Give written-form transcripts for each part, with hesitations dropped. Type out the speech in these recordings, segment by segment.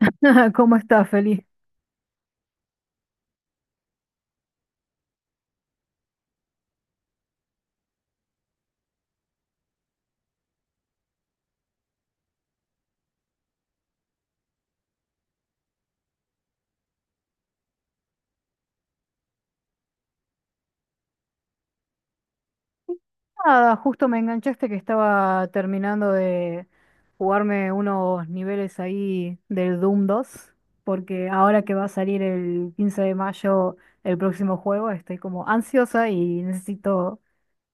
¿Cómo estás, feliz? Nada, justo me enganchaste que estaba terminando de jugarme unos niveles ahí del Doom dos, porque ahora que va a salir el 15 de mayo el próximo juego, estoy como ansiosa y necesito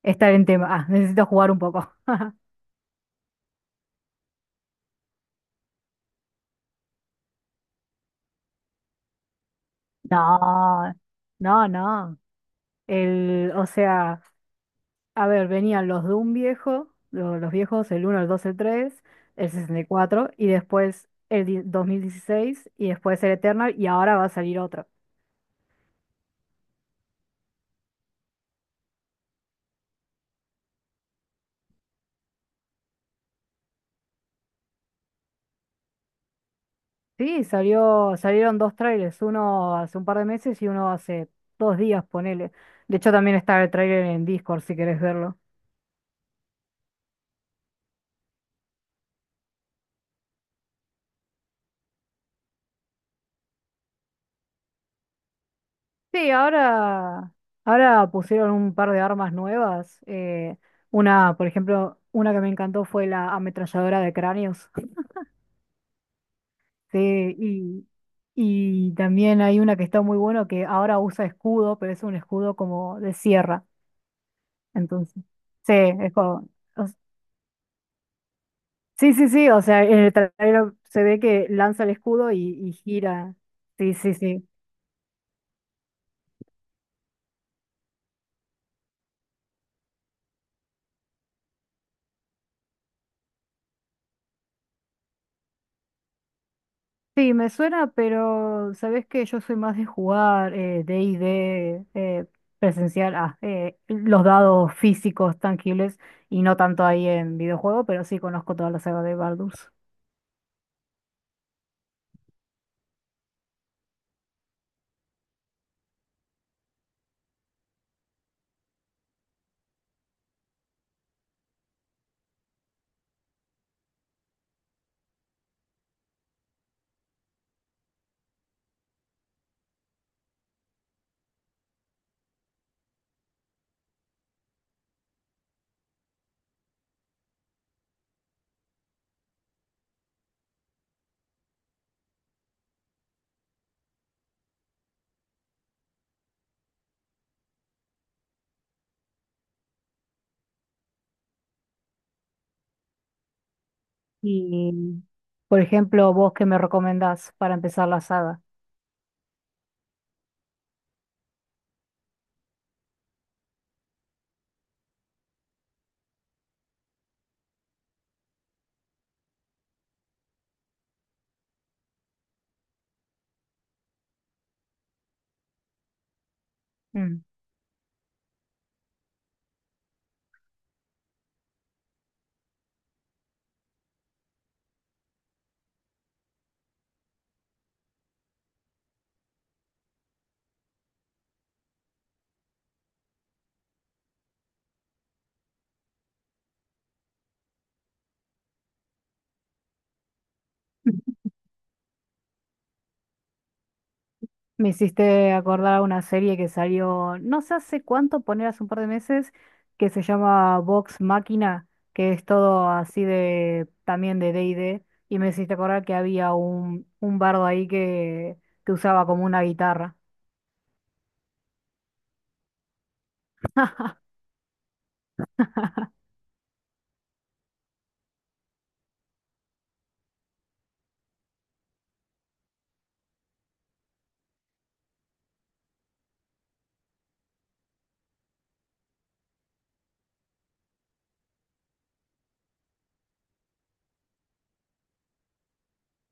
estar en tema. Necesito jugar un poco. No, no. El, o sea, A ver, venían los Doom viejos, los viejos, el uno, el 2, el 3, el 64 y cuatro, y después el 2016 y después el Eternal y ahora va a salir otro. Sí, salió, salieron dos trailers, uno hace un par de meses y uno hace 2 días, ponele. De hecho también está el trailer en Discord si querés verlo. Sí, ahora pusieron un par de armas nuevas. Una, por ejemplo, una que me encantó fue la ametralladora de cráneos. Sí, y, y también hay una que está muy bueno que ahora usa escudo, pero es un escudo como de sierra. Entonces, sí, es como- o s- sí, sí, sí, o sea, en el trailer se ve que lanza el escudo y gira. Sí, sí, sí. Sí, me suena, pero sabes que yo soy más de jugar D&D, presencial, los dados físicos tangibles y no tanto ahí en videojuego, pero sí conozco toda la saga de Baldur's. Y, por ejemplo, vos qué me recomendás para empezar la saga. Mm. Me hiciste acordar una serie que salió no sé hace cuánto, poner hace un par de meses, que se llama Vox Máquina, que es todo así de también de D&D, y D. Y me hiciste acordar que había un bardo ahí que usaba como una guitarra.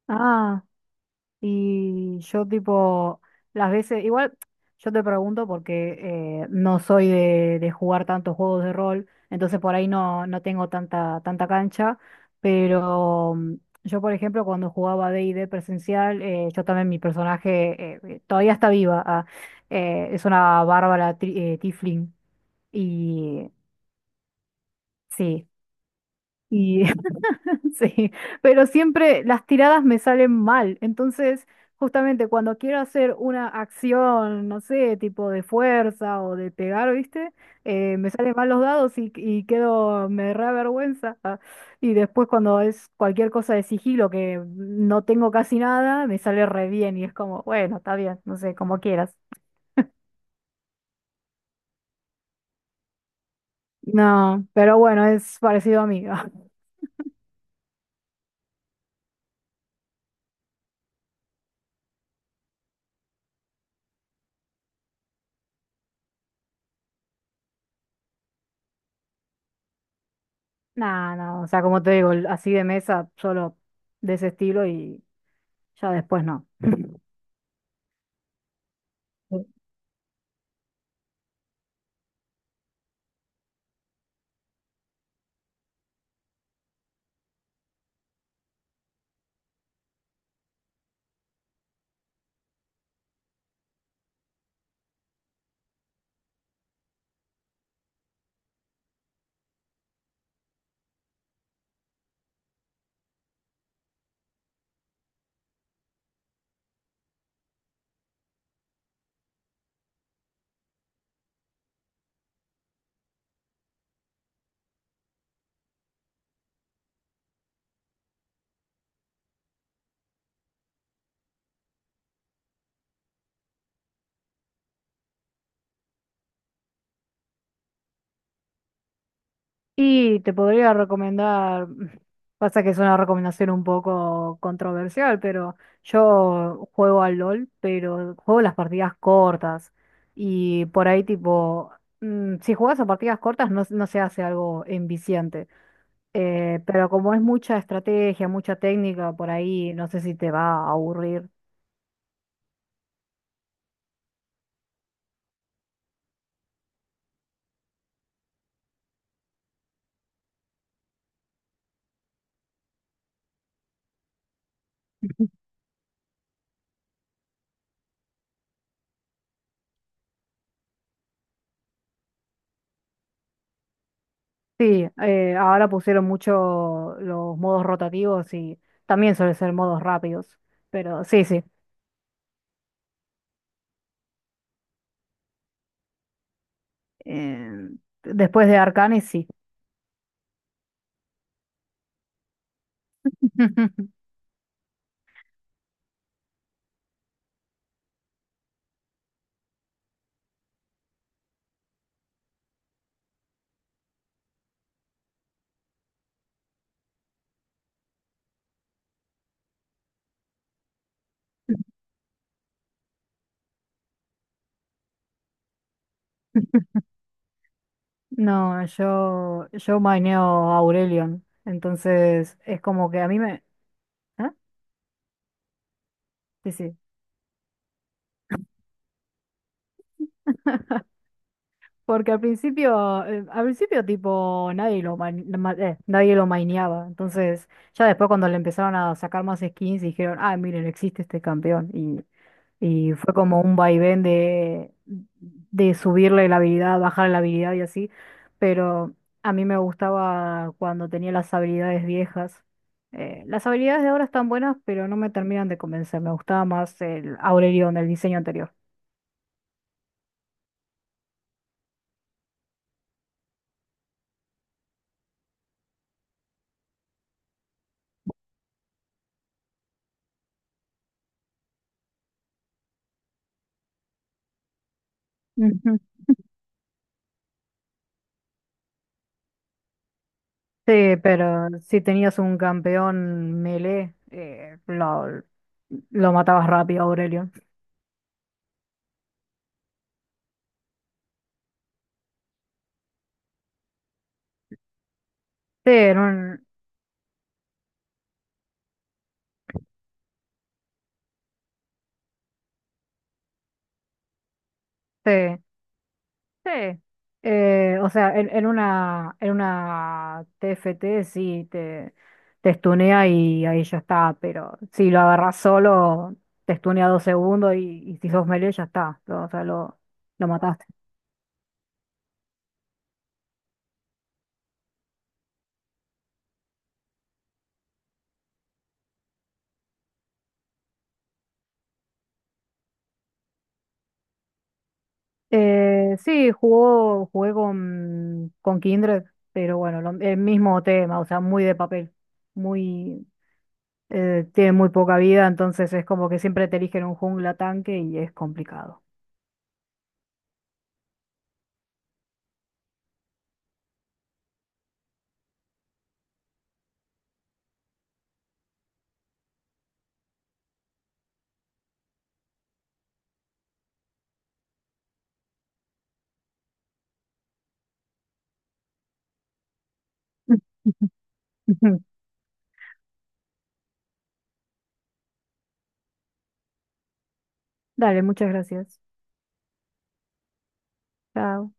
Ah. Y yo tipo, las veces, igual yo te pregunto porque no soy de jugar tantos juegos de rol, entonces por ahí no, no tengo tanta, tanta cancha, pero yo por ejemplo cuando jugaba D&D presencial, yo también mi personaje todavía está viva, es una tiefling y sí. Y sí, pero siempre las tiradas me salen mal. Entonces, justamente cuando quiero hacer una acción, no sé, tipo de fuerza o de pegar, ¿viste? Me salen mal los dados y quedo, me da vergüenza. Ah. Y después cuando es cualquier cosa de sigilo que no tengo casi nada, me sale re bien y es como, bueno, está bien, no sé, como quieras. No, pero bueno, es parecido a mí. No, no, o sea, como te digo, así de mesa, solo de ese estilo y ya después no. Y te podría recomendar, pasa que es una recomendación un poco controversial, pero yo juego al LOL, pero juego las partidas cortas. Y por ahí tipo, si juegas a partidas cortas no, no se hace algo enviciante. Pero como es mucha estrategia, mucha técnica, por ahí no sé si te va a aburrir. Sí, ahora pusieron mucho los modos rotativos y también suelen ser modos rápidos, pero sí, sí. Eh, Después de Arcanes, sí. No, yo maineo Aurelion. Entonces, es como que a mí me. ¿Ah? Sí, sí. Porque al principio tipo nadie lo maineaba. Entonces, ya después cuando le empezaron a sacar más skins, dijeron, ah, miren, existe este campeón. Y fue como un vaivén de subirle la habilidad, bajarle la habilidad y así. Pero a mí me gustaba cuando tenía las habilidades viejas. Las habilidades de ahora están buenas, pero no me terminan de convencer. Me gustaba más el Aurelion, el diseño anterior. Sí, pero si tenías un campeón melee, lo matabas rápido, Aurelio. Sí, en un, sí, sí. O sea, en una TFT sí te estunea y ahí ya está, pero si lo agarras solo, te estunea 2 segundos y si sos melee ya está. Lo mataste. Jugué con Kindred, pero bueno, el mismo tema, o sea, muy de papel, muy, tiene muy poca vida, entonces es como que siempre te eligen un jungla tanque y es complicado. Dale, muchas gracias. Chao.